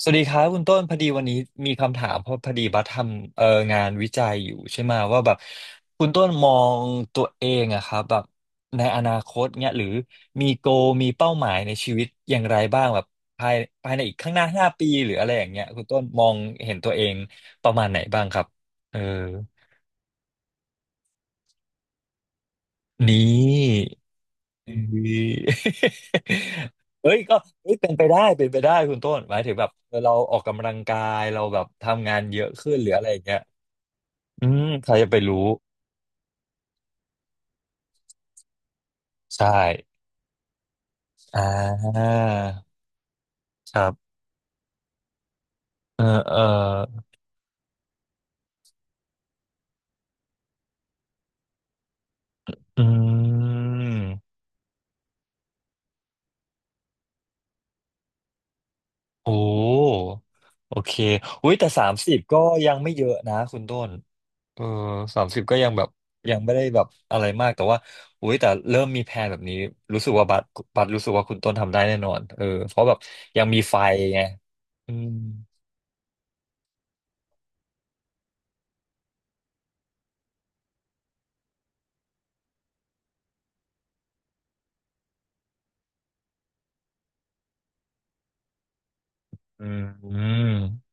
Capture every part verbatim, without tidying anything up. สวัสดีครับคุณต้นพอดีวันนี้มีคำถามเพราะพอดีบัสทำเอ่องานวิจัยอยู่ใช่ไหมว่าแบบคุณต้นมองตัวเองอะครับแบบในอนาคตเนี่ยหรือมีโกมีเป้าหมายในชีวิตอย่างไรบ้างแบบภายภายในอีกข้างหน้าห้าปีหรืออะไรอย่างเงี้ยคุณต้นมองเห็นตัวเองประมาณไหนบ้างครับเออนี่ เอ้ยเอ้ยก็เอ้ยเป็นไปได้เป็นไปได้คุณต้นหมายถึงแบบเออเราออกกำลังกายเราแบบทำงานเยอะขึ้นหรืออะไรอย่างเงี้ย อืมใครจะไปรู้ใช่อ่าครับเออเอออืมโอ้โอเคอุ้ยแต่สามสิบก็ยังไม่เยอะนะคุณต้นเออสามสิบก็ยังแบบยังไม่ได้แบบอะไรมากแต่ว่าอุ้ยแต่เริ่มมีแพลนแบบนี้รู้สึกว่าบัตรบัตรรู้สึกว่าคุณต้นทำได้แน่นอนเออเพราะแบบยังมีไฟไงอืมอืม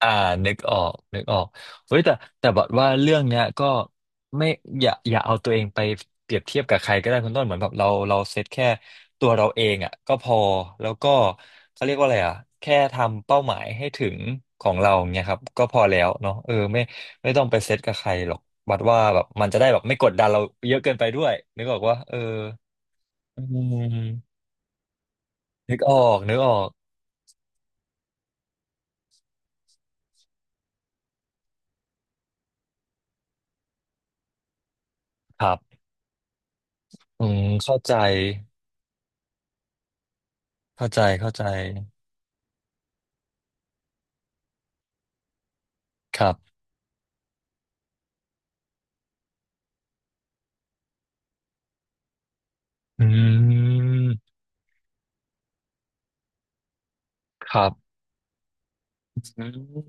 อ่านึกออกนึกออกเฮ้ยแต่แต่บอกว่าเรื่องเนี้ยก็ไม่อย่าอย่าเอาตัวเองไปเปรียบเทียบกับใครก็ได้คุณต้นเหมือนแบบเราเราเซตแค่ตัวเราเองอ่ะก็พอแล้วก็เขาเรียกว่าอะไรอ่ะแค่ทำเป้าหมายให้ถึงของเราเนี้ยครับก็พอแล้วเนาะเออไม่ไม่ต้องไปเซตกับใครหรอกบัดว่าแบบมันจะได้แบบไม่กดดันเราเยอะเกินไปด้วยนึกออกว่าเอออืมนึกออกนึกออกครับอืมเข้าใจเข้าใจเข้าใจครับ อืมครับ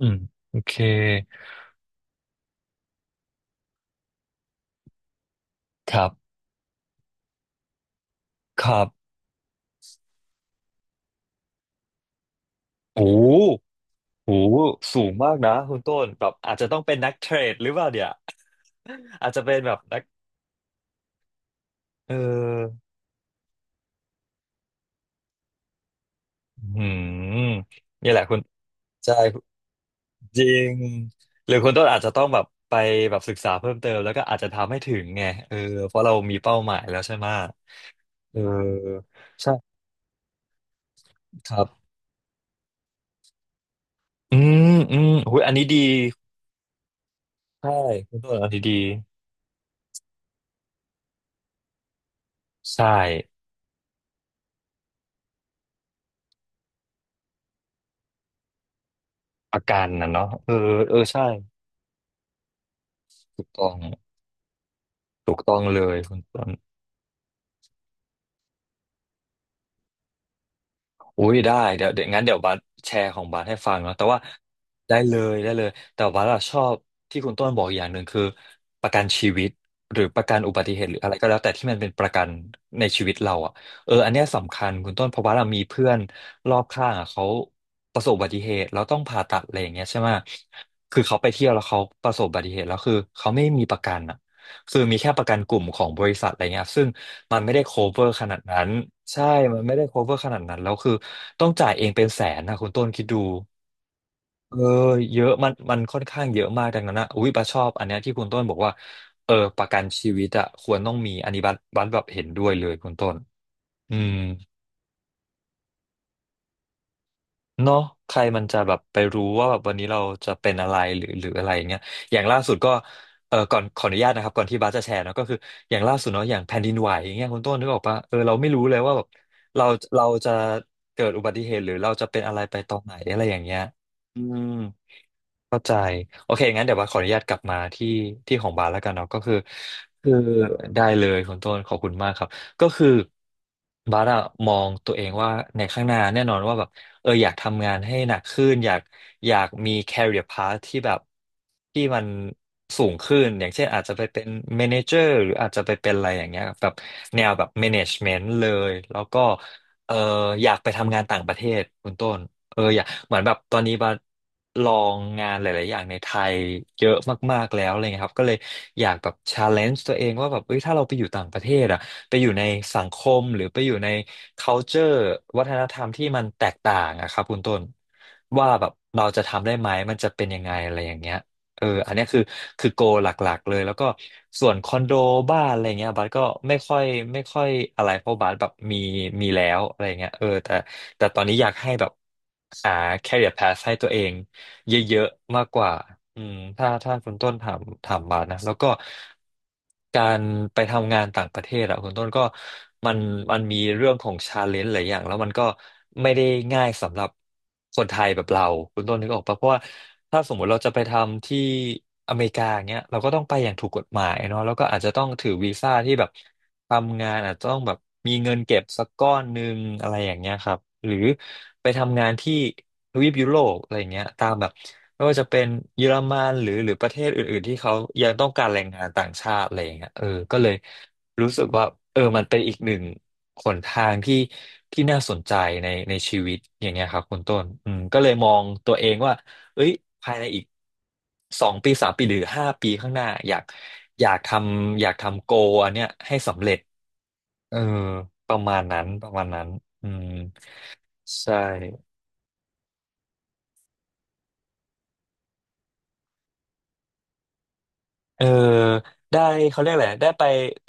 อืมโอเคครับครับโอ้โหโอ้โหสูงมากนะคุณต้นแบบอาจจะต้องเป็นนักเทรดหรือเปล่าเดี๋ยว อาจจะเป็นแบบนักเออหืมนี่แหละคุณใช่จริงหรือคุณต้นอาจจะต้องแบบไปแบบศึกษาเพิ่มเติมแล้วก็อาจจะทำให้ถึงไงเออเพราะเรามีเป้าหมายแล้วใช่ไหมเออใช่ครับอืมอืมโอ้ยอันนี้ดีใช่คุณต้นอันนี้ดีใช่ อาการน่ะเนาะเออเออใช่ถูกต้องถูกต้องเลยคุณต้นอุ้ยได้เดี๋ยวเดี๋ยวงั้นเดี๋ยวบัสแชร์ของบัสให้ฟังเนาะแต่ว่าได้เลยได้เลยแต่บัสอะชอบที่คุณต้นบอกอย่างหนึ่งคือประกันชีวิตหรือประกันอุบัติเหตุหรืออะไรก็แล้วแต่ที่มันเป็นประกันในชีวิตเราอะเอออันเนี้ยสำคัญคุณต้นเพราะว่าเรามีเพื่อนรอบข้างอะเขาประสบอุบัติเหตุแล้วต้องผ่าตัดอะไรอย่างเงี้ยใช่ไหมคือเขาไปเที่ยวแล้วเขาประสบอุบัติเหตุแล้วคือเขาไม่มีประกันอะ คือมีแค่ประกันกลุ่มของบริษัทอะไรเงี้ยซึ่งมันไม่ได้ cover ขนาดนั้นใช่มันไม่ได้ cover ขนาดนั้นแล้วคือต้องจ่ายเองเป็นแสนนะคุณต้นคิดดูเออเยอะมันมันค่อนข้างเยอะมากดังนั้นนะอุ้ยบัสชอบอันเนี้ยที่คุณต้นบอกว่าเออประกันชีวิตอะควรต้องมีอันนี้บัสบัสแบบเห็นด้วยเลยคุณต้นอืม เนาะใครมันจะแบบไปรู้ว่าแบบวันนี้เราจะเป็นอะไรหรือหรืออะไรอย่างเงี้ยอย่างล่าสุดก็เออก่อนขออนุญาตนะครับก่อนที่บาสจะแชร์เนาะก็คืออย่างล่าสุดเนาะอย่างแผ่นดินไหวอย่างเงี้ยคุณต้นนึกออกปะเออเราไม่รู้เลยว่าแบบเราเราจะเกิดอุบัติเหตุหรือเราจะเป็นอะไรไปตอนไหนอะไรอย่างเงี้ยอืม เข้าใจโอเคงั้นเดี๋ยวว่าขออนุญาตกลับมาที่ที่ของบาสแล้วกันเนาะก็คือคือได้เลยคุณต้นขอบคุณมากครับก็คือบาสอะมองตัวเองว่าในข้างหน้าแน่นอนว่าแบบเอออยากทำงานให้หนักขึ้นอยากอยากมี career path ที่แบบที่มันสูงขึ้นอย่างเช่นอาจจะไปเป็น manager หรืออาจจะไปเป็นอะไรอย่างเงี้ยแบบแนวแบบ management เลยแล้วก็เอออยากไปทำงานต่างประเทศคุณต้น เอออยากเหมือนแบบตอนนี้บาลองงานหลายๆอย่างในไทยเยอะมากๆแล้วอะไรเงี้ยครับก็เลยอยากแบบชาเลนจ์ตัวเองว่าแบบเอ้ยถ้าเราไปอยู่ต่างประเทศอะไปอยู่ในสังคมหรือไปอยู่ใน culture วัฒนธรรมที่มันแตกต่างอะครับคุณต้นว่าแบบเราจะทำได้ไหมมันจะเป็นยังไงอะไรอย่างเงี้ย เอออันเนี้ยคือคือโกหลักๆเลย แล้วก็ส่วนคอนโดบ้านอะไรเงี้ยบัสก็ไม่ค่อยไม่ค่อยอะไรเพราะบัสแบบมีมีแล้วอะไรเงี้ยเออแต่แต่ตอนนี้อยากให้แบบหา career path ให้ตัวเอง เยอะๆมากกว่าอืมถ้าถ้าคุณต้นถามถามบาทนะแล้วก็การไปทำงานต่างประเทศอะคุณต้นก็มันมันมีเรื่องของชาเลนจ์หลายอย่างแล้วมันก็ไม่ได้ง่ายสำหรับคนไทยแบบเราคุณต้นนึกออกปะเพราะว่าถ้าสมมุติเราจะไปทำที่อเมริกาอย่างเงี้ยเราก็ต้องไปอย่างถูกกฎหมายเนาะแล้วก็อาจจะต้องถือวีซ่าที่แบบทำงานอาจจะต้องแบบมีเงินเก็บสักก้อนหนึ่งอะไรอย่างเงี้ยครับหรือไปทำงานที่ ทวีปยุโรปอะไรอย่างเงี้ยตามแบบไม่ว่าจะเป็นเยอรมันหรือหรือประเทศอื่นๆที่เขายังต้องการแรงงานต่างชาติอะไรอย่างเงี้ยเออก็เลยรู้สึกว่าเออมันเป็นอีกหนึ่งหนทางที่ที่น่าสนใจในในชีวิตอย่างเงี้ยครับคุณต้นอืมก็เลยมองตัวเองว่าเอ้ยภายในอีกสองปีสามปีหรือห้าปีข้างหน้าอยากอยากทำอยากทำโกอันเนี้ยให้สำเร็จเออประมาณนั้นประมาณนั้นอืมใช่ เออได้เขาเรียกอะไรได้ไป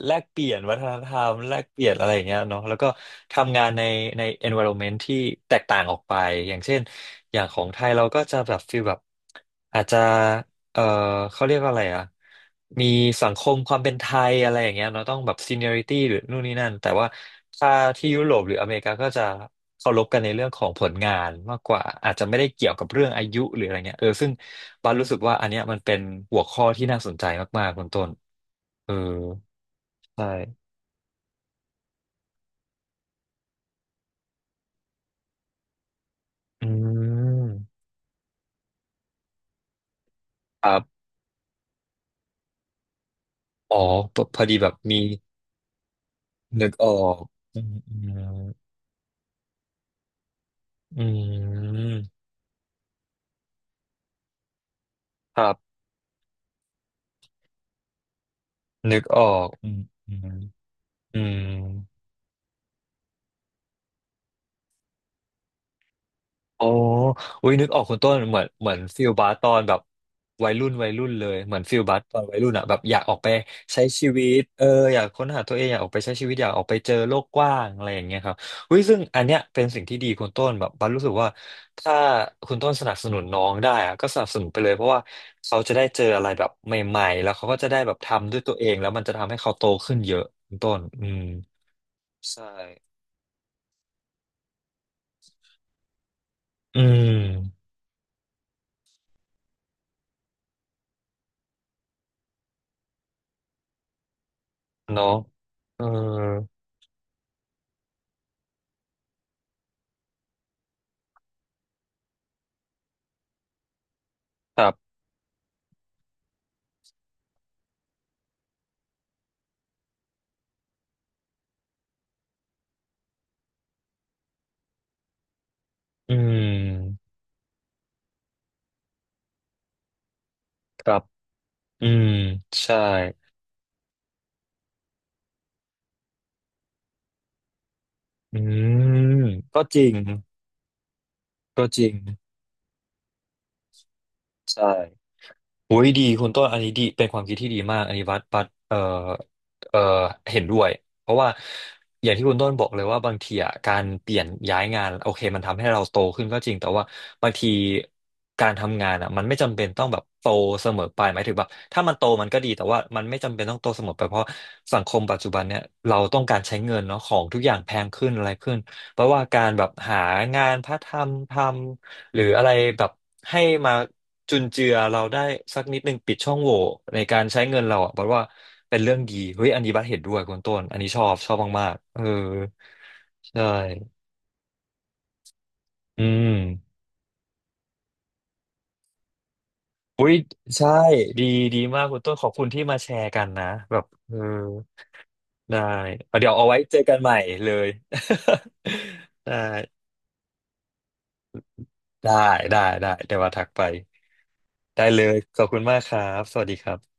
แลกเปลี่ยนวัฒนธรรมแลกเปลี่ยนอะไรอย่างเงี้ยเนาะแล้วก็ทำงานในใน environment ที่แตกต่างออกไปอย่างเช่นอย่างของไทยเราก็จะแบบฟีลแบบอาจจะ เอ่อเขาเรียกว่าอะไรอ่ะมีสังคมความเป็นไทยอะไรอย่างเงี้ยเราต้องแบบซีเนียริตี้หรือนู่นนี่นั่นแต่ว่าถ้าที่ยุโรปหรืออเมริกาก็จะเคารพกันในเรื่องของผลงานมากกว่าอาจจะไม่ได้เกี่ยวกับเรื่องอายุหรืออะไรเงี้ยเออซึ่งบันรู้สึกว่าอันเนี้ยมันเป็นหัวข้อที่น่าสนใจมากๆคุณต้นเออใช่อืมครับอ๋อพอพอดีแบบมีนึกออกอืมอืมอืมครับนึกออกอืมอืม อืมโอ้อุ้ยนึกออกคุณต้นเหมือนเหมือนฟิลบาสตอนแบบวัยรุ่นวัยรุ่นเลยเหมือนฟิลบาสตอนวัยรุ่นอะแบบอยากออกไปใช้ชีวิตเอออยากค้นหาตัวเองอยากออกไปใช้ชีวิตอยากออกไปเจอโลกกว้างอะไรอย่างเงี้ยครับอุ้ยซึ่งอันเนี้ยเป็นสิ่งที่ดีคุณต้นแบบบัสรู้สึกว่าถ้าคุณต้นสนับสนุนน้องได้อะก็สนับสนุนไปเลยเพราะว่าเขาจะได้เจออะไรแบบใหม่ๆแล้วเขาก็จะได้แบบทำด้วยตัวเองแล้วมันจะทำให้เขาโตขึ้นเยอะคุณต้น อืมใช่อืมเนาะเออ ครับ อืมครับ อืม ใช่ อืม ก็จริง ก็จริง ใช่ โอ้ยดีคุณต้นอันนี้ดีเป็นความคิดที่ดีมากอันนี้วัดปัดเอ่อเอ่อเห็นด้วยเพราะว่าอย่างที่คุณต้นบอกเลยว่าบางทีอ่ะการเปลี่ยนย้ายงานโอเคมันทำให้เราโตขึ้นก็จริงแต่ว่าบางทีการทำงานอ่ะมันไม่จำเป็นต้องแบบโตเสมอไปหมายถึงแบบถ้ามันโตมันก็ดีแต่ว่ามันไม่จำเป็นต้องโตเสมอไปเพราะสังคมปัจจุบันเนี่ยเราต้องการใช้เงินเนาะของทุกอย่างแพงขึ้นอะไรขึ้นเพราะว่าการแบบหางานพาร์ทไทม์ทำหรืออะไรแบบให้มา จุนเจือเราได้สักนิดนึงปิดช่องโหว่ในการใช้เงินเราอ่ะบอกว่าเป็นเรื่องดีเฮ้ยอันนี้บัสเห็นด้วยคุณต้นอันนี้ชอบชอบมากๆเออใช่อืมอุ้ยใช่ดีดีมากคุณต้นขอบคุณที่มาแชร์กันนะแบบเออได้เดี๋ยวเอาไว้เจอกันใหม่เลย ได้ได้ได้ได้เดี๋ยวว่าทักไปได้เลยขอบคุณมากครับสวัสดีครับ